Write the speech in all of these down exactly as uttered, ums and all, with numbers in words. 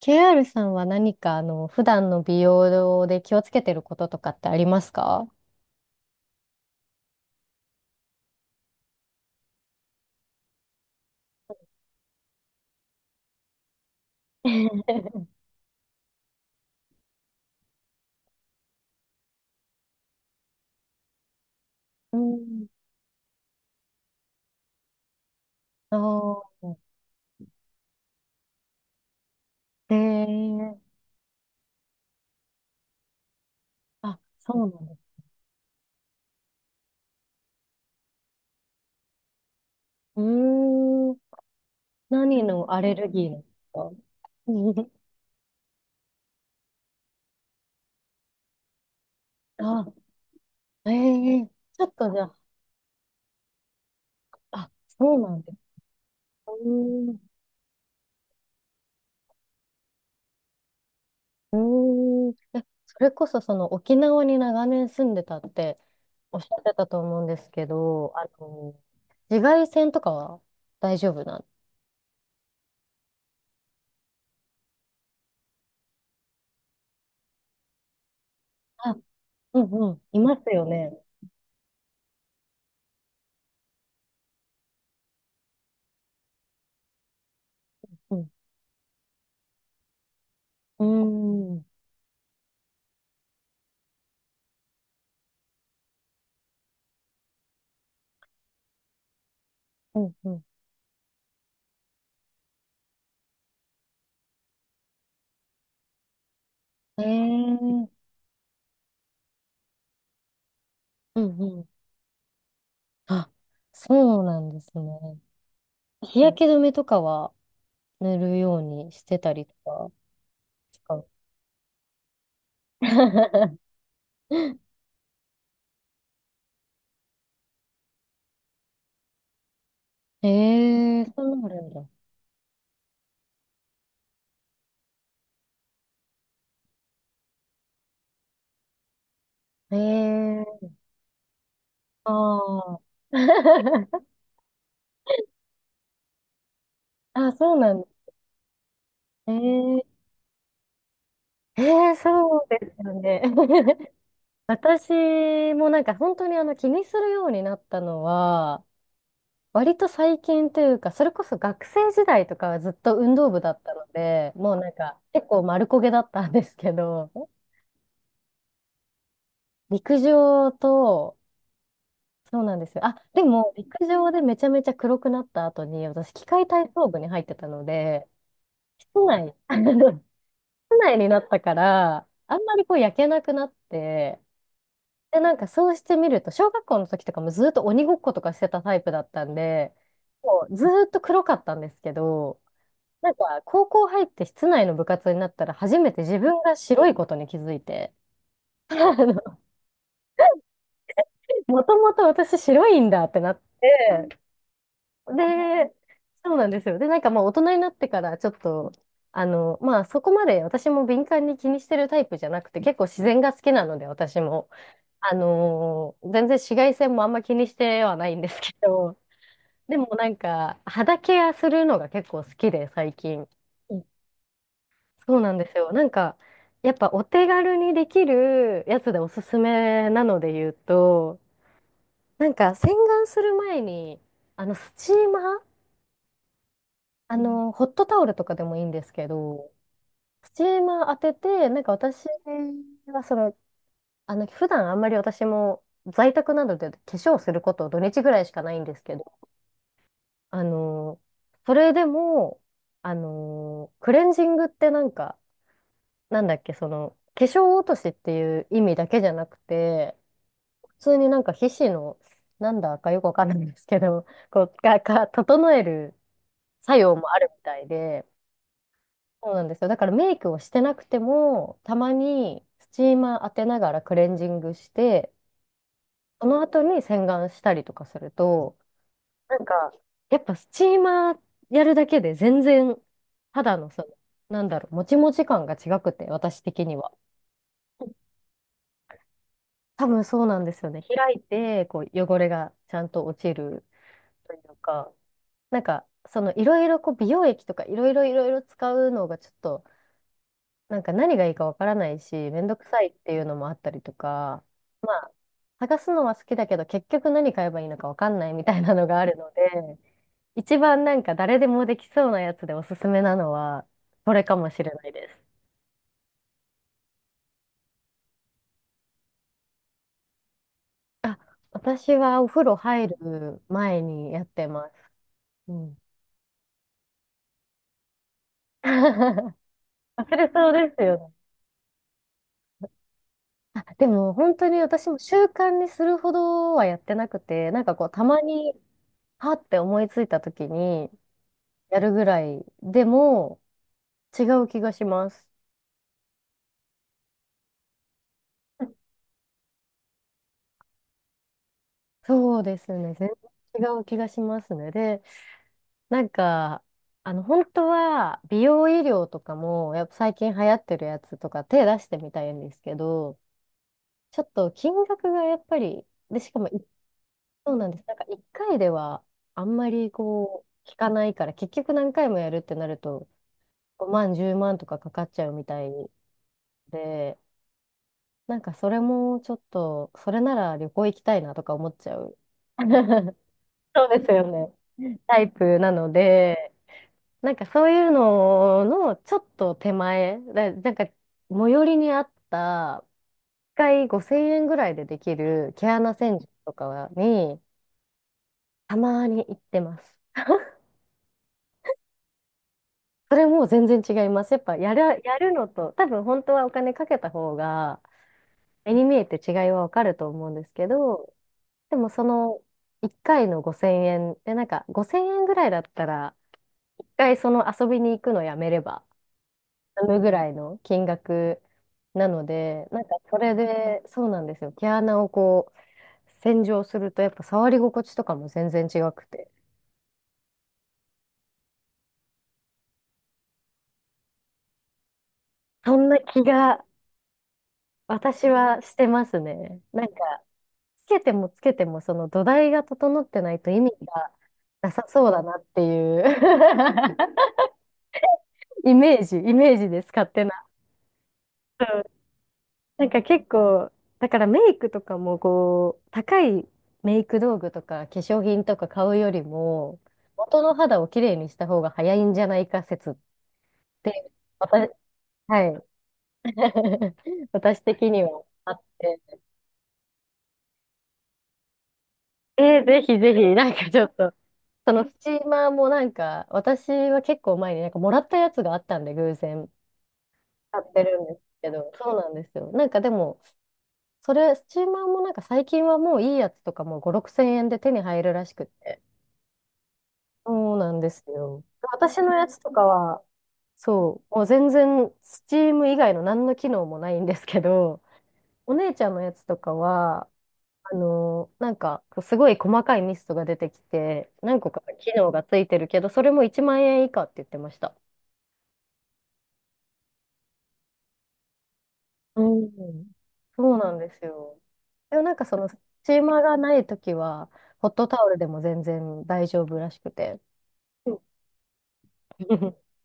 ケーアール さんは何かあの普段の美容で気をつけてることとかってありますか？ うん、ああ、ええ、あ、そうなんです。うーん、何のアレルギーなんですか？ あ、ええ、ちょっとじゃあ、あ、そうなんです。うーん、うーん、え、それこそその沖縄に長年住んでたっておっしゃってたと思うんですけど、あの、紫外線とかは大丈夫なんですか？うんうん。いますよね。うん。うーん。うんうん。ええ、うんうん。あ、そうなんですね。日焼け止めとかは塗るようにしてたりとか、使う。ええー、そうなるんだ。ええー、ああ。あ、そうなんだ。ええええ、そうですよね。私もなんか本当にあの気にするようになったのは、割と最近というか、それこそ学生時代とかはずっと運動部だったので、もうなんか結構丸焦げだったんですけど、陸上と、そうなんですよ。あ、でも陸上でめちゃめちゃ黒くなった後に、私、器械体操部に入ってたので、室内、室内になったから、あんまりこう焼けなくなって、で、なんかそうしてみると、小学校の時とかもずっと鬼ごっことかしてたタイプだったんで、もうずーっと黒かったんですけど、なんか、高校入って室内の部活になったら、初めて自分が白いことに気づいて、あのもともと私白いんだってなって、で、そうなんですよ。で、なんかまあ大人になってからちょっと、あの、まあそこまで私も敏感に気にしてるタイプじゃなくて、結構自然が好きなので、私も。あのー全然紫外線もあんま気にしてはないんですけど、でもなんか、肌ケアするのが結構好きで、最近。そうなんですよ。なんか、やっぱお手軽にできるやつでおすすめなので言うと、なんか洗顔する前に、あの、スチーマー、あの、ホットタオルとかでもいいんですけど、スチーマー当てて、なんか私はその、あの、普段あんまり私も在宅などで化粧すること土日ぐらいしかないんですけど、あの、それでも、あの、クレンジングってなんか、なんだっけ、その、化粧落としっていう意味だけじゃなくて、普通になんか皮脂の、なんだかよくわかんないんですけど、こう、が、が、整える作用もあるみたいで、そうなんですよ。だからメイクをしてなくても、たまにスチーマー当てながらクレンジングして、その後に洗顔したりとかすると、なんか、やっぱスチーマーやるだけで全然肌のその、なんだろう、もちもち感が違くて、私的には。多分そうなんですよね。開いて、こう、汚れがちゃんと落ちるというか、なんか、その、いろいろ、こう、美容液とか、いろいろ、いろいろ使うのが、ちょっと、なんか、何がいいかわからないし、めんどくさいっていうのもあったりとか、まあ、探すのは好きだけど、結局何買えばいいのかわかんないみたいなのがあるので、一番なんか、誰でもできそうなやつでおすすめなのは、これかもしれないです。あ、私はお風呂入る前にやってます。うん。それそうですよね。あ、でも本当に私も習慣にするほどはやってなくて、なんかこうたまに、はって思いついた時にやるぐらいでも違う気がします。そうですね。全然違う気がしますね。で、なんか、あの、本当は美容医療とかも、やっぱ最近流行ってるやつとか手出してみたいんですけど、ちょっと金額がやっぱり、で、しかもそうなんです。なんか一回ではあんまりこう効かないから、結局何回もやるってなるとごまん、じゅうまんとかかかっちゃうみたいで、なんかそれもちょっと、それなら旅行行きたいなとか思っちゃう。そうですよね。タイプなので、なんかそういうののちょっと手前、だ、なんか最寄りにあったいっかいごせんえんぐらいでできる毛穴洗浄とかにたまに行ってます。それも全然違います。やっぱやる、やるのと、多分本当はお金かけた方が、目に見えて違いはわかると思うんですけど、でもそのいっかいのごせんえんで、なんかごせんえんぐらいだったら、いっかいその遊びに行くのやめれば済むぐらいの金額なので、なんかそれで、そうなんですよ。毛穴をこう、洗浄すると、やっぱ触り心地とかも全然違くて、そんな気が私はしてますね。なんかつけてもつけても、その土台が整ってないと意味がなさそうだなっていう イメージ、イメージです、勝手な。うん、なんか結構、だからメイクとかもこう、高いメイク道具とか化粧品とか買うよりも、元の肌をきれいにした方が早いんじゃないか説って、私、はい。私的にはあって。えーぜひぜひ、なんかちょっと、そのスチーマーもなんか、私は結構前になんかもらったやつがあったんで、偶然買ってるんですけど、そうなんですよ。なんかでも、それ、スチーマーもなんか最近はもういいやつとかもご、ろくせん円で手に入るらしくて。そうなんですよ。私のやつとかは、そう、もう全然、スチーム以外の何の機能もないんですけど、お姉ちゃんのやつとかは、あのーなんか、すごい細かいミストが出てきて、何個か機能がついてるけど、それもいちまん円以下って言ってました。うん。そうなんですよ。でもなんかその、スチーマーがないときは、ホットタオルでも全然大丈夫らしくて。うん。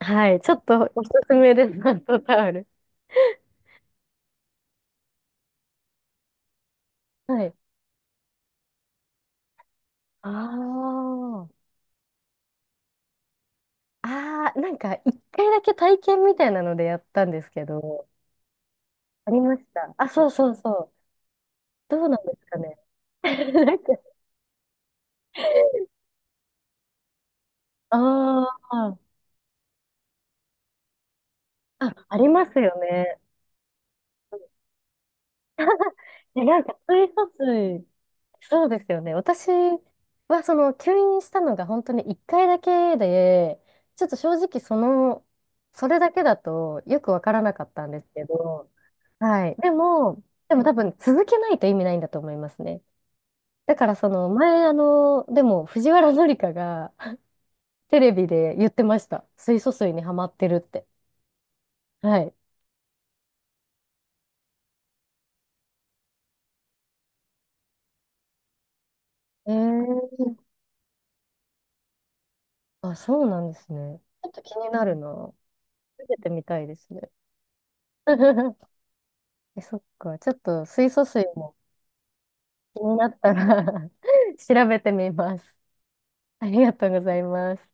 はい、ちょっとおすすめです、ホットタオル。はい。ああ。ああ、なんか一回だけ体験みたいなのでやったんですけど、ありました。あ、そうそうそう。どうなんですかね。なんか、ああ、あ、ありますよね。え、なんか、水素水、そうですよね。私は、その、吸引したのが本当にいっかいだけで、ちょっと正直、その、それだけだとよくわからなかったんですけど、はい。でも、でも多分、続けないと意味ないんだと思いますね。だから、その、前、あの、でも、藤原紀香が テレビで言ってました。水素水にハマってるって。はい。えーあ、そうなんですね。ちょっと気になるな。食べてみたいですね。え、そっか。ちょっと水素水も気になったら 調べてみます。ありがとうございます。